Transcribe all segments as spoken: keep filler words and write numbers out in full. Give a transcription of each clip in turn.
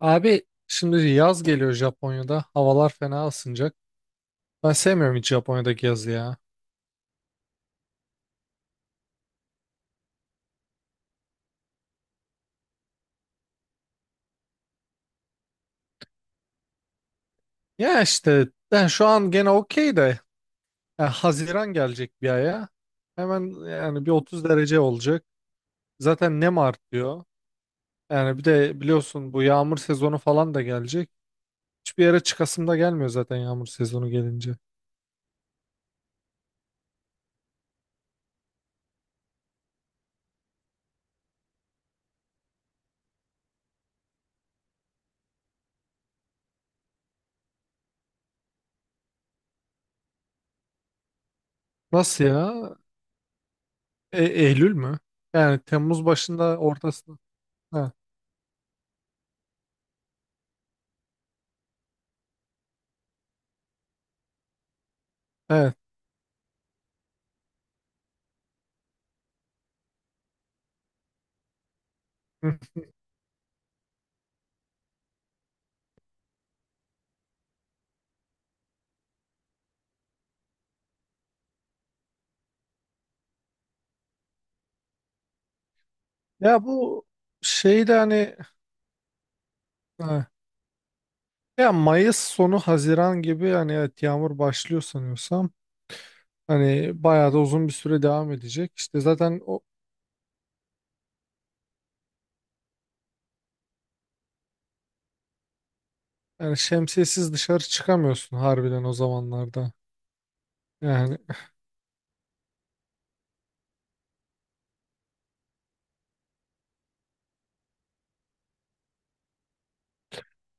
Abi şimdi yaz geliyor Japonya'da. Havalar fena ısınacak. Ben sevmiyorum hiç Japonya'daki yazı ya. Ya işte ben şu an gene okey de ya Haziran gelecek bir aya. Hemen yani bir otuz derece olacak. Zaten nem artıyor. Yani bir de biliyorsun bu yağmur sezonu falan da gelecek. Hiçbir yere çıkasım da gelmiyor zaten yağmur sezonu gelince. Nasıl ya? E- Eylül mü? Yani Temmuz başında ortasında. Ha, evet. Hı. Ya bu şeyde hani ha. Ya Mayıs sonu Haziran gibi hani evet yağmur başlıyor sanıyorsam. Hani bayağı da uzun bir süre devam edecek. İşte zaten o yani şemsiyesiz dışarı çıkamıyorsun harbiden o zamanlarda. Yani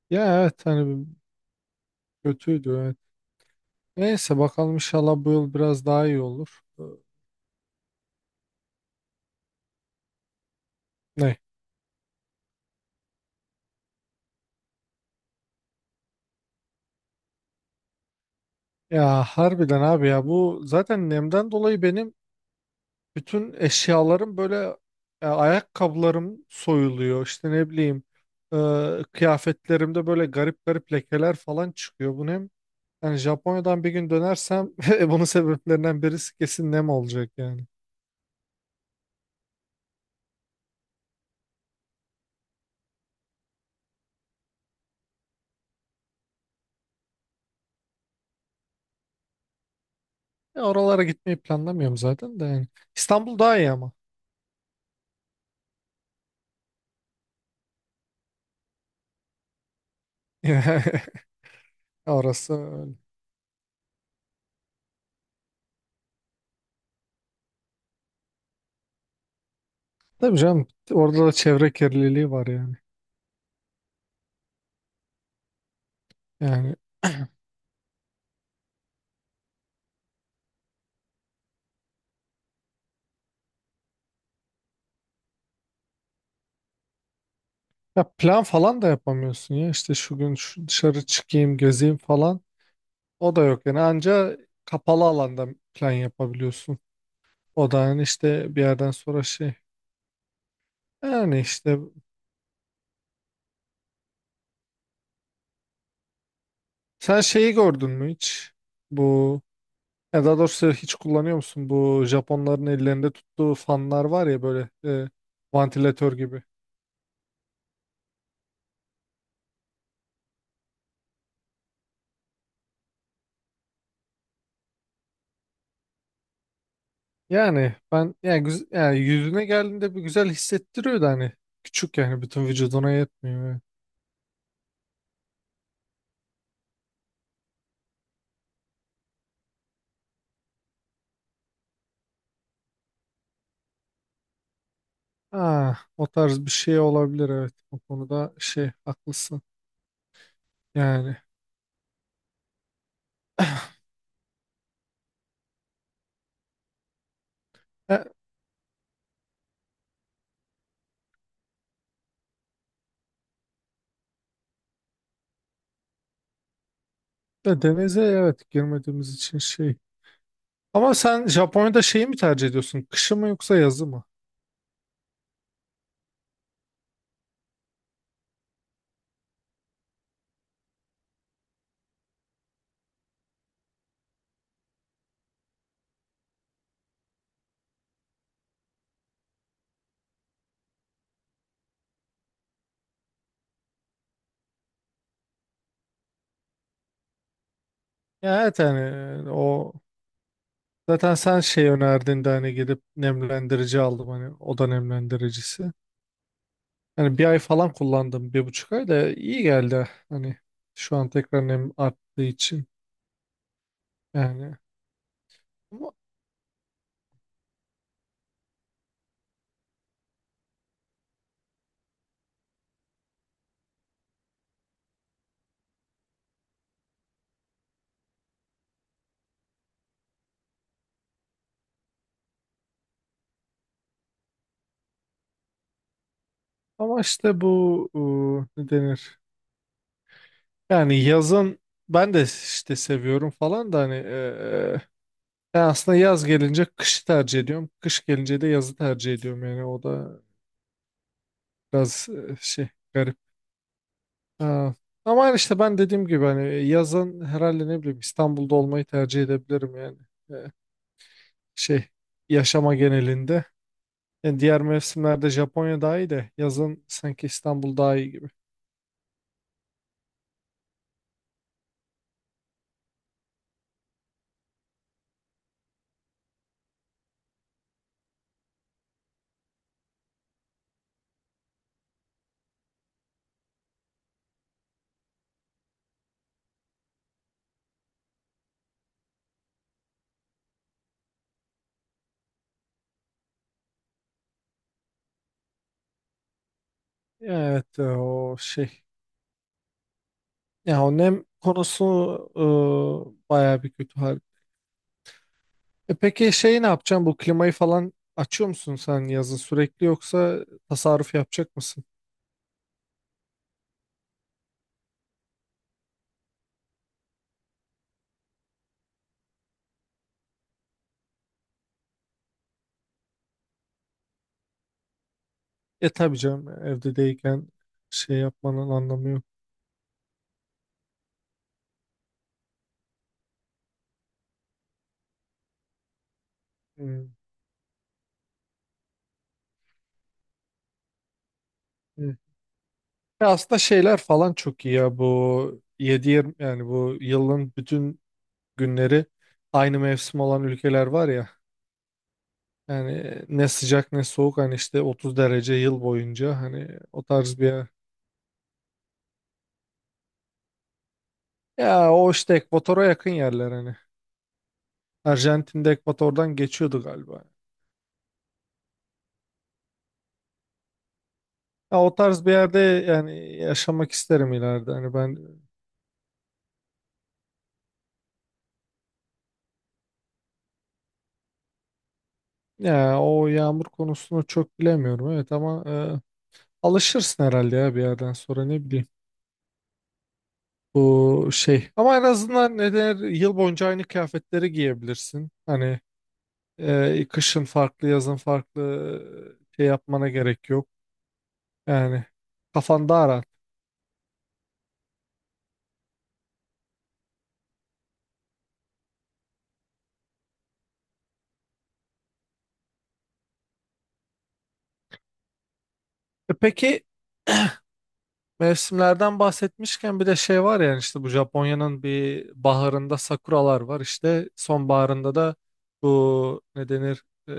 ya evet hani kötüydü evet. Neyse bakalım inşallah bu yıl biraz daha iyi olur. Ee, Ne? Ya harbiden abi ya bu zaten nemden dolayı benim bütün eşyalarım böyle e, ayakkabılarım soyuluyor. İşte ne bileyim e, kıyafetlerimde böyle garip garip lekeler falan çıkıyor. Bunu hem yani Japonya'dan bir gün dönersem e, bunun sebeplerinden birisi kesin nem olacak yani. E, oralara gitmeyi planlamıyorum zaten de yani. İstanbul daha iyi ama. Orası öyle. Tabii canım orada da çevre kirliliği var yani. Yani ya plan falan da yapamıyorsun ya işte şu gün şu dışarı çıkayım gezeyim falan. O da yok yani anca kapalı alanda plan yapabiliyorsun. O da yani işte bir yerden sonra şey. Yani işte sen şeyi gördün mü hiç? Bu ya daha doğrusu hiç kullanıyor musun? Bu Japonların ellerinde tuttuğu fanlar var ya böyle e, vantilatör gibi. Yani ben yani, güz- yani yüzüne geldiğinde bir güzel hissettiriyor da hani küçük yani bütün vücuduna yetmiyor. Yani. Ah, o tarz bir şey olabilir evet. O konuda şey haklısın. Yani. e, Ya denize evet girmediğimiz için şey. Ama sen Japonya'da şeyi mi tercih ediyorsun? Kışı mı yoksa yazı mı? Ya evet hani e, o zaten sen şey önerdin de hani gidip nemlendirici aldım hani oda nemlendiricisi. Hani bir ay falan kullandım bir buçuk ay da iyi geldi hani şu an tekrar nem arttığı için yani. Ama ama işte bu ıı, ne denir? Yani yazın ben de işte seviyorum falan da hani e, e, ben aslında yaz gelince kışı tercih ediyorum. Kış gelince de yazı tercih ediyorum. Yani o da biraz e, şey garip. Ha. Ama yani işte ben dediğim gibi hani yazın herhalde ne bileyim İstanbul'da olmayı tercih edebilirim yani. E, Şey yaşama genelinde. Yani diğer mevsimlerde Japonya daha iyi de yazın sanki İstanbul daha iyi gibi. Evet e, o şey. Ya o nem konusu e, bayağı bir kötü. E peki şey ne yapacaksın? Bu klimayı falan açıyor musun sen yazın sürekli yoksa tasarruf yapacak mısın? E tabii canım evde değilken şey yapmanın anlamı yok. Hmm, hmm. E aslında şeyler falan çok iyi ya bu yedi yirmi yani bu yılın bütün günleri aynı mevsim olan ülkeler var ya. Yani ne sıcak ne soğuk hani işte otuz derece yıl boyunca hani o tarz bir yer. Ya o işte ekvatora yakın yerler hani. Arjantin'de ekvatordan geçiyordu galiba. Ya o tarz bir yerde yani yaşamak isterim ileride. Hani ben ya o yağmur konusunu çok bilemiyorum evet ama e, alışırsın herhalde ya bir yerden sonra ne bileyim. Bu şey ama en azından ne der yıl boyunca aynı kıyafetleri giyebilirsin. Hani e, kışın farklı yazın farklı e, şey yapmana gerek yok. Yani kafan daha rahat. E peki mevsimlerden bahsetmişken bir de şey var yani işte bu Japonya'nın bir baharında sakuralar var işte sonbaharında da bu ne denir e,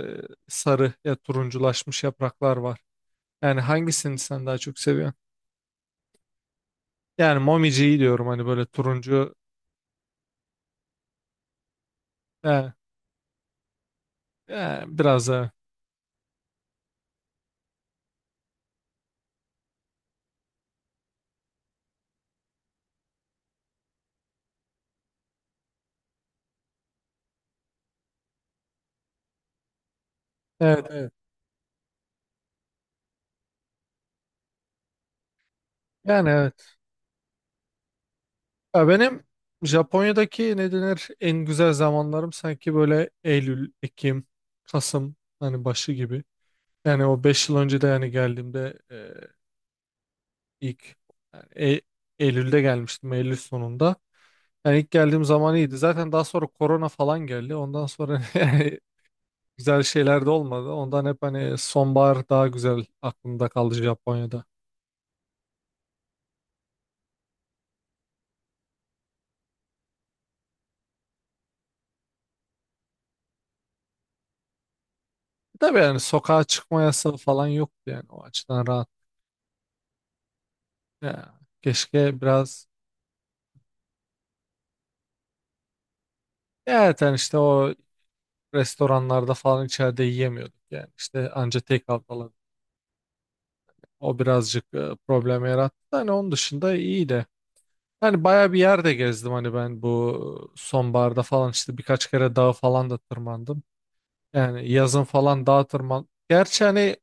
sarı ya turunculaşmış yapraklar var. Yani hangisini sen daha çok seviyorsun? Yani momiciyi diyorum hani böyle turuncu e, e, biraz da evet evet yani evet. Ya benim Japonya'daki ne denir en güzel zamanlarım sanki böyle Eylül, Ekim, Kasım hani başı gibi. Yani o beş yıl önce de yani geldiğimde e, İlk yani E- Eylül'de gelmiştim Eylül sonunda. Yani ilk geldiğim zaman iyiydi. Zaten daha sonra korona falan geldi. Ondan sonra yani güzel şeyler de olmadı. Ondan hep hani sonbahar daha güzel aklımda kaldı Japonya'da. Tabii yani sokağa çıkma yasağı falan yoktu yani o açıdan rahat. Ya, keşke biraz ya zaten işte o restoranlarda falan içeride yiyemiyorduk yani işte anca take out falan. O birazcık e, problem yarattı da hani onun dışında iyiydi. Yani bayağı bir yerde gezdim hani ben bu sonbaharda falan işte birkaç kere dağa falan da tırmandım. Yani yazın falan dağa tırman. Gerçi hani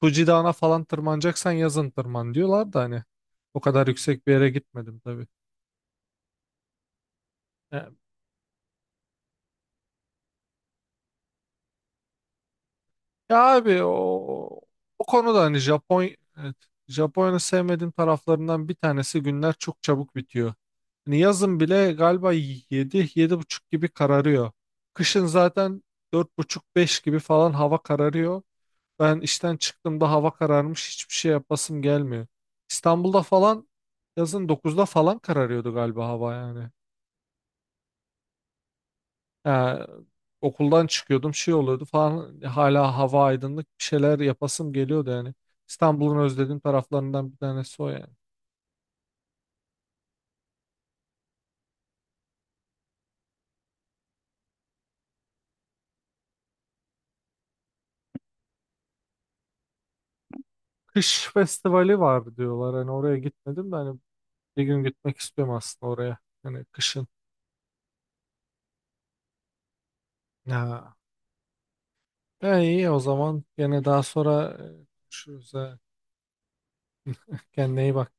Fuji Dağı'na falan tırmanacaksan yazın tırman diyorlar da hani o kadar yüksek bir yere gitmedim tabii. Ya, ya abi o, o konuda hani Japon evet, Japonya'nın sevmediğim taraflarından bir tanesi günler çok çabuk bitiyor. Hani yazın bile galiba yedi yedi buçuk gibi kararıyor. Kışın zaten dört buçuk beş gibi falan hava kararıyor. Ben işten çıktığımda hava kararmış hiçbir şey yapasım gelmiyor. İstanbul'da falan yazın dokuzda falan kararıyordu galiba hava yani. Yani okuldan çıkıyordum şey oluyordu falan hala hava aydınlık bir şeyler yapasım geliyordu yani. İstanbul'un özlediğim taraflarından bir tanesi o yani. Kış festivali var diyorlar hani oraya gitmedim de hani bir gün gitmek istiyorum aslında oraya. Hani kışın. Ha. E, iyi o zaman gene daha sonra e, konuşuruz. Ha. Kendine iyi bak.